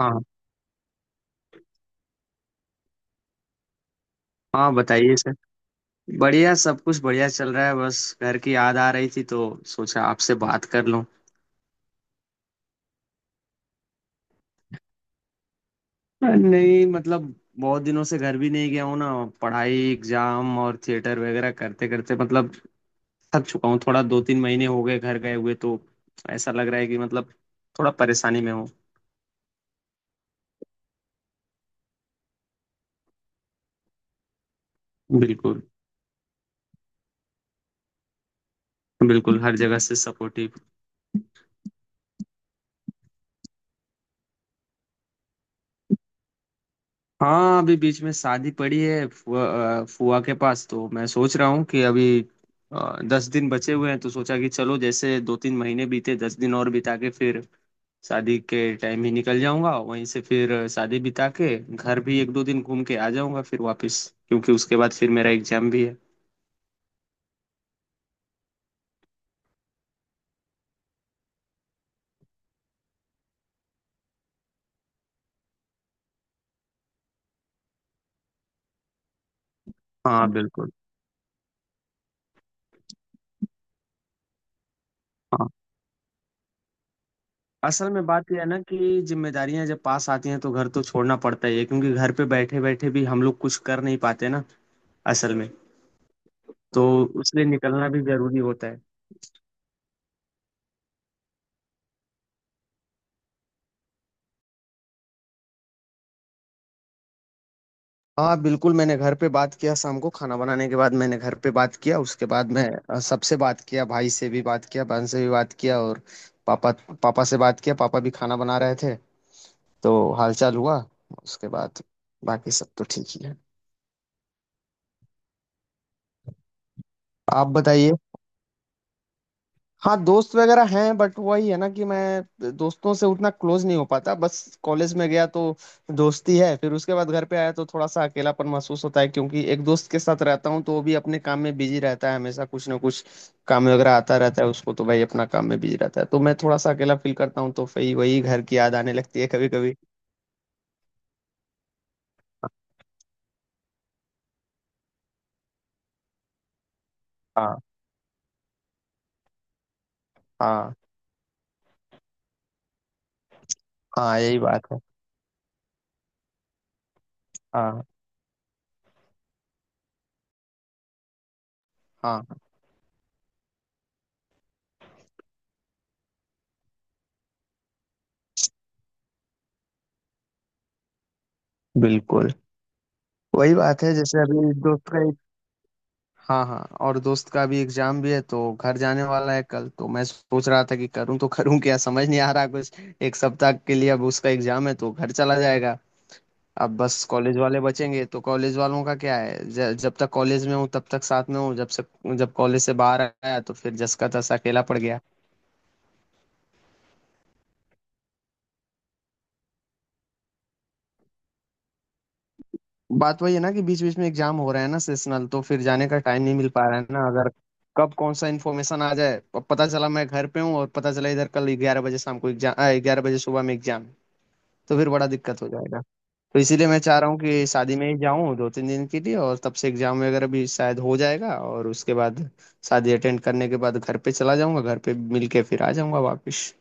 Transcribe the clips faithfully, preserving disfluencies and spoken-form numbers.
हाँ हाँ, बताइए सर। बढ़िया, सब कुछ बढ़िया चल रहा है, बस घर की याद आ रही थी तो सोचा आपसे बात कर लूं। नहीं मतलब बहुत दिनों से घर भी नहीं गया हूँ ना। पढ़ाई, एग्जाम और थिएटर वगैरह करते करते मतलब थक चुका हूँ थोड़ा, दो तीन महीने हो गए घर गए हुए, तो ऐसा लग रहा है कि मतलब थोड़ा परेशानी में हूँ। बिल्कुल। बिल्कुल, हर जगह से सपोर्टिव। हाँ, अभी बीच में शादी पड़ी है फुआ, अ, फुआ के पास, तो मैं सोच रहा हूँ कि अभी अ, दस दिन बचे हुए हैं, तो सोचा कि चलो जैसे दो तीन महीने बीते, दस दिन और बिता के फिर शादी के टाइम ही निकल जाऊंगा वहीं से, फिर शादी बिता के घर भी एक दो दिन घूम के आ जाऊंगा फिर वापस, क्योंकि उसके बाद फिर मेरा एग्जाम भी है। हाँ बिल्कुल। हाँ, असल में बात यह है ना कि जिम्मेदारियां जब पास आती हैं तो घर तो छोड़ना पड़ता ही है, क्योंकि घर पे बैठे बैठे भी हम लोग कुछ कर नहीं पाते ना। असल में, तो उसलिए निकलना भी जरूरी होता है। हाँ बिल्कुल, मैंने घर पे बात किया, शाम को खाना बनाने के बाद मैंने घर पे बात किया, उसके बाद मैं अ, सबसे बात किया, भाई से भी बात किया, बहन से भी बात किया, और पापा, पापा से बात किया, पापा भी खाना बना रहे थे, तो हालचाल हुआ, उसके बाद बाकी सब तो ठीक ही है। आप बताइए। हाँ, दोस्त वगैरह हैं बट वही है ना कि मैं दोस्तों से उतना क्लोज नहीं हो पाता, बस कॉलेज में गया तो दोस्ती है, फिर उसके बाद घर पे आया तो थोड़ा सा अकेलापन महसूस होता है, क्योंकि एक दोस्त के साथ रहता हूँ तो वो भी अपने काम में बिजी रहता है हमेशा, कुछ ना कुछ काम वगैरह आता रहता है उसको, तो भाई अपना काम में बिजी रहता है, तो मैं थोड़ा सा अकेला फील करता हूँ, तो फिर वही घर की याद आने लगती है कभी कभी। हाँ हाँ। हाँ यही बात है। हाँ हाँ बिल्कुल। वही बात है, जैसे अभी दोस्त का। हाँ हाँ, और दोस्त का भी एग्जाम भी है तो घर जाने वाला है कल, तो मैं सोच रहा था कि करूँ तो करूँ क्या, समझ नहीं आ रहा कुछ। एक सप्ताह के लिए अब उसका एग्जाम है तो घर चला जाएगा। अब बस कॉलेज वाले बचेंगे, तो कॉलेज वालों का क्या है, ज, जब तक कॉलेज में हूँ तब तक साथ में हूँ, जब से, जब कॉलेज से बाहर आया तो फिर जस का तस अकेला पड़ गया। बात वही है ना, कि बीच बीच में एग्जाम हो रहा है ना सेशनल, तो फिर जाने का टाइम नहीं मिल पा रहा है ना। अगर कब कौन सा इन्फॉर्मेशन आ जाए, प- पता चला मैं घर पे हूँ और पता चला इधर कल ग्यारह बजे शाम को एग्जाम, ग्यारह बजे सुबह में एग्जाम, तो फिर बड़ा दिक्कत हो जाएगा। तो इसीलिए मैं चाह रहा हूँ कि शादी में ही जाऊँ दो तीन दिन के लिए, और तब से एग्जाम वगैरह भी शायद हो जाएगा, और उसके बाद शादी अटेंड करने के बाद घर पे चला जाऊंगा, घर पे मिल के फिर आ जाऊंगा वापस।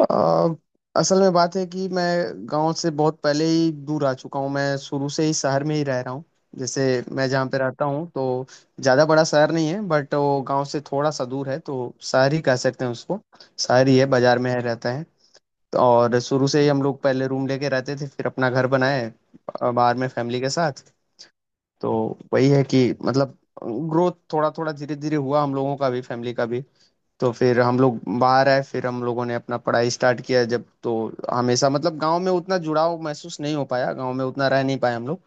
अ, असल में बात है कि मैं गांव से बहुत पहले ही दूर आ चुका हूँ, मैं शुरू से ही शहर में ही रह रहा हूँ। जैसे मैं जहाँ पे रहता हूँ, तो ज़्यादा बड़ा शहर नहीं है बट वो गांव से थोड़ा सा दूर है, तो शहर ही कह सकते हैं उसको। शहर ही है, बाजार में है, रहता है। और शुरू से ही हम लोग पहले रूम लेके रहते थे, फिर अपना घर बनाए अ, बाहर में, फैमिली के साथ। तो वही है कि मतलब ग्रोथ थोड़ा थोड़ा धीरे धीरे हुआ, हम लोगों का भी, फैमिली का भी। तो फिर हम लोग बाहर आए, फिर हम लोगों ने अपना पढ़ाई स्टार्ट किया जब, तो हमेशा मतलब गांव में उतना जुड़ाव महसूस नहीं हो पाया, गांव में उतना रह नहीं पाए हम लोग।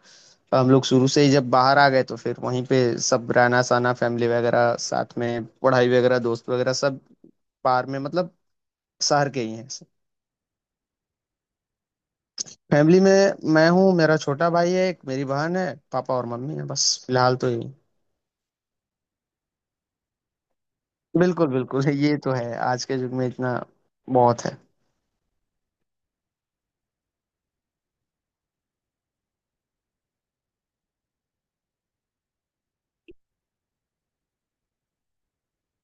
तो हम लोग शुरू से ही जब बाहर आ गए तो फिर वहीं पे सब रहना सहना, फैमिली वगैरह साथ में, पढ़ाई वगैरह, दोस्त वगैरह, सब बाहर में मतलब शहर के ही हैं। फैमिली में मैं हूँ, मेरा छोटा भाई है एक, मेरी बहन है, पापा और मम्मी है, बस फिलहाल तो यही। बिल्कुल बिल्कुल, ये तो है, आज के युग में इतना बहुत है।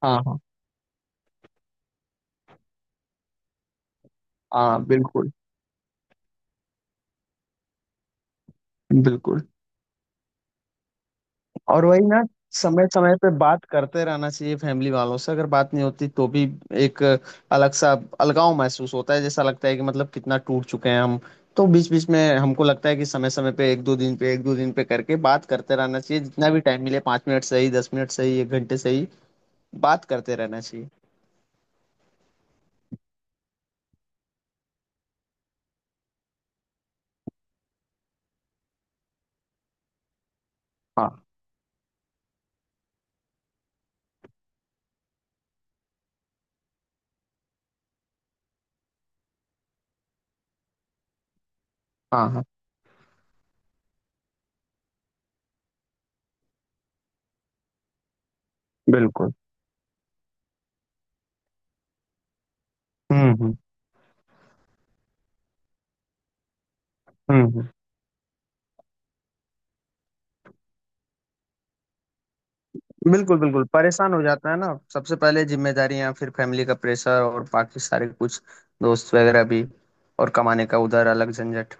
हाँ हाँ। हाँ बिल्कुल। बिल्कुल, और वही ना, समय समय पे बात करते रहना चाहिए फैमिली वालों से। अगर बात नहीं होती तो भी एक अलग सा अलगाव महसूस होता है, जैसा लगता है कि मतलब कितना टूट चुके हैं हम। तो बीच बीच में हमको लगता है कि समय समय पे, एक दो दिन पे, एक दो दिन पे करके बात करते रहना चाहिए, जितना भी टाइम मिले, पाँच मिनट सही, दस मिनट सही, एक घंटे सही, बात करते रहना चाहिए। हाँ। हाँ हाँ बिल्कुल। हम्म हम्म हम्म हम्म। बिल्कुल। बिल्कुल, परेशान हो जाता है ना, सबसे पहले जिम्मेदारियां, फिर फैमिली का प्रेशर और बाकी सारे कुछ, दोस्त वगैरह भी, और कमाने का उधर अलग झंझट।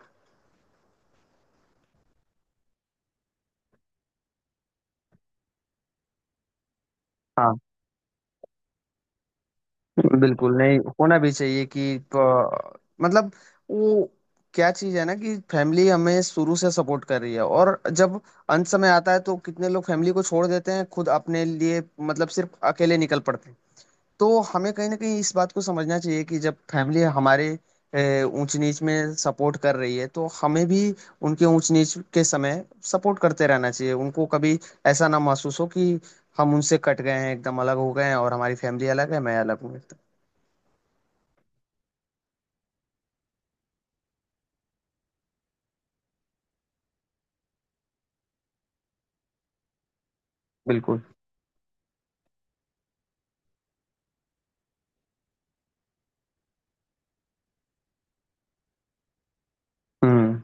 हाँ बिल्कुल, नहीं होना भी चाहिए कि प- मतलब, वो क्या चीज है ना, कि फैमिली हमें शुरू से सपोर्ट कर रही है, और जब अंत समय आता है तो कितने लोग फैमिली को छोड़ देते हैं खुद अपने लिए, मतलब सिर्फ अकेले निकल पड़ते हैं। तो हमें कहीं ना कहीं इस बात को समझना चाहिए, कि जब फैमिली हमारे अ, ऊंच नीच में सपोर्ट कर रही है, तो हमें भी उनके ऊंच नीच के समय सपोर्ट करते रहना चाहिए, उनको कभी ऐसा ना महसूस हो कि हम उनसे कट गए हैं, एकदम अलग हो गए हैं, और हमारी फैमिली अलग है मैं अलग हूँ एकदम। बिल्कुल। हम्म।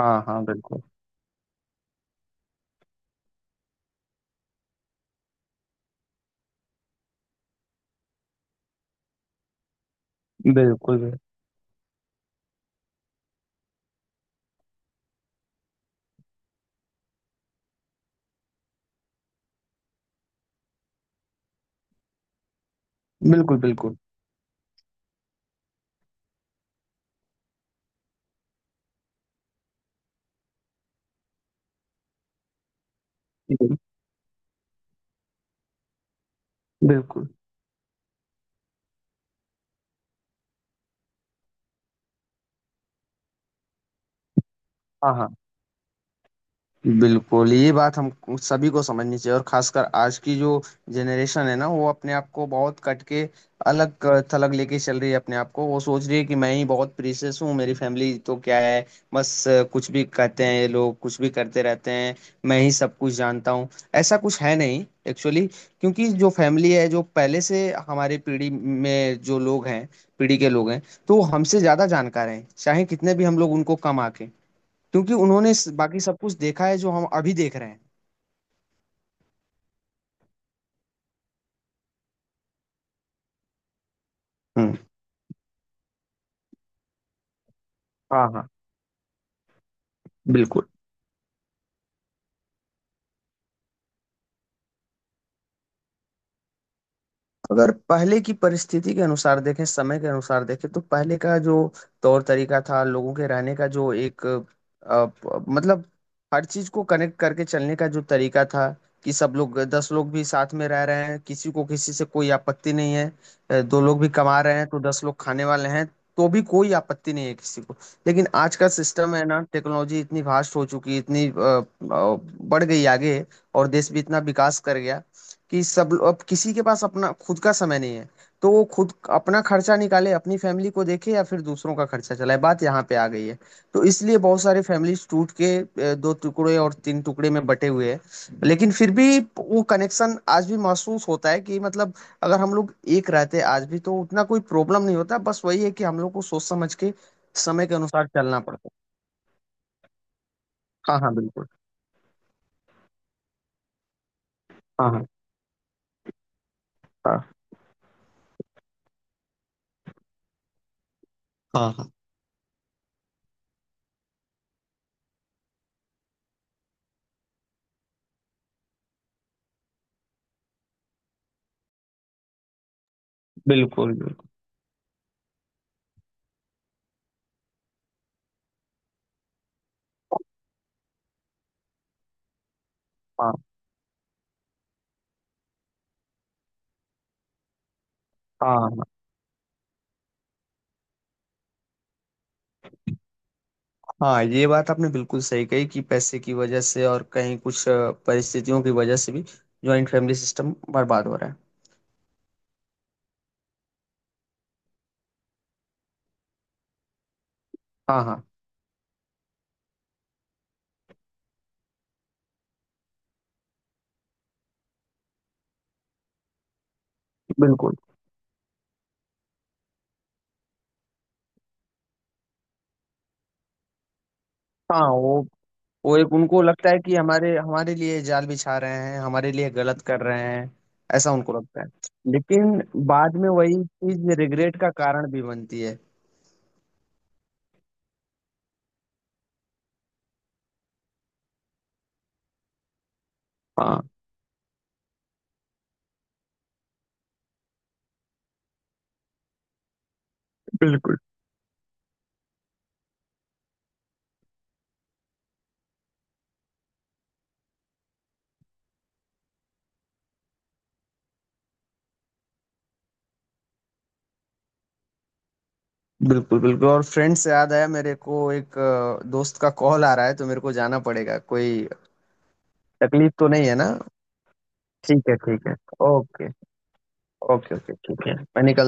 हाँ हाँ बिल्कुल। बिल्कुल बिल्कुल। बिल्कुल बिल्कुल। हाँ हाँ बिल्कुल, ये बात हम सभी को समझनी चाहिए, और खासकर आज की जो जनरेशन है ना, वो अपने आप को बहुत कट के अलग थलग लेके चल रही है। अपने आप को वो सोच रही है कि मैं ही बहुत प्रीशियस हूँ, मेरी फैमिली तो क्या है, बस, अ, कुछ भी कहते हैं ये लोग, कुछ भी करते रहते हैं, मैं ही सब कुछ जानता हूँ। ऐसा कुछ है नहीं एक्चुअली, क्योंकि जो फैमिली है, जो पहले से हमारी पीढ़ी में जो लोग हैं, पीढ़ी के लोग हैं, तो वो हमसे ज्यादा जानकार हैं, चाहे कितने भी हम लोग उनको कम आके, क्योंकि उन्होंने इस- बाकी सब कुछ देखा है जो हम अभी देख रहे हैं। हम्म। हाँ हाँ बिल्कुल। अगर पहले की परिस्थिति के अनुसार देखें, समय के अनुसार देखें, तो पहले का जो तौर तरीका था लोगों के रहने का, जो एक अ, प- मतलब हर चीज को कनेक्ट करके चलने का जो तरीका था, कि सब लोग, दस लोग भी साथ में रह रहे हैं, किसी को किसी से कोई आपत्ति नहीं है, अ, दो लोग भी कमा रहे हैं तो दस लोग खाने वाले हैं, तो भी कोई आपत्ति नहीं है किसी को। लेकिन आज का सिस्टम है ना, टेक्नोलॉजी इतनी वास्ट हो चुकी है, इतनी अ, अ, बढ़ गई आगे, और देश भी इतना विकास कर गया, कि सब लो- अब किसी के पास अपना खुद का समय नहीं है। तो वो खुद अपना खर्चा निकाले, अपनी फैमिली को देखे, या फिर दूसरों का खर्चा चलाए, बात यहाँ पे आ गई है। तो इसलिए बहुत सारे फैमिलीज टूट के अ, दो टुकड़े और तीन टुकड़े में बटे हुए हैं, लेकिन फिर भी वो कनेक्शन आज भी महसूस होता है कि मतलब अगर हम लोग एक रहते आज भी तो उतना कोई प्रॉब्लम नहीं होता, बस वही है कि हम लोग को सोच समझ के समय के अनुसार चलना पड़ता है। हाँ हाँ बिल्कुल। हाँ हाँ। हाँ हाँ हाँ। बिल्कुल बिल्कुल। हाँ हाँ। हाँ, ये बात आपने बिल्कुल सही कही, कि पैसे की वजह से और कहीं कुछ अ, परिस्थितियों की वजह से भी ज्वाइंट फैमिली सिस्टम बर्बाद हो रहा है। हाँ हाँ बिल्कुल। हाँ, वो वो एक, उनको लगता है कि हमारे हमारे लिए जाल बिछा रहे हैं, हमारे लिए गलत कर रहे हैं, ऐसा उनको लगता है। लेकिन बाद में वही चीज रिग्रेट का कारण भी बनती है। हाँ बिल्कुल। बिल्कुल बिल्कुल, और फ्रेंड से याद आया मेरे को, एक अ, दोस्त का कॉल आ रहा है तो मेरे को जाना पड़ेगा, कोई तकलीफ तो नहीं है ना? ठीक है ठीक है। ओके। ओके ओके, ठीक है, मैं निकल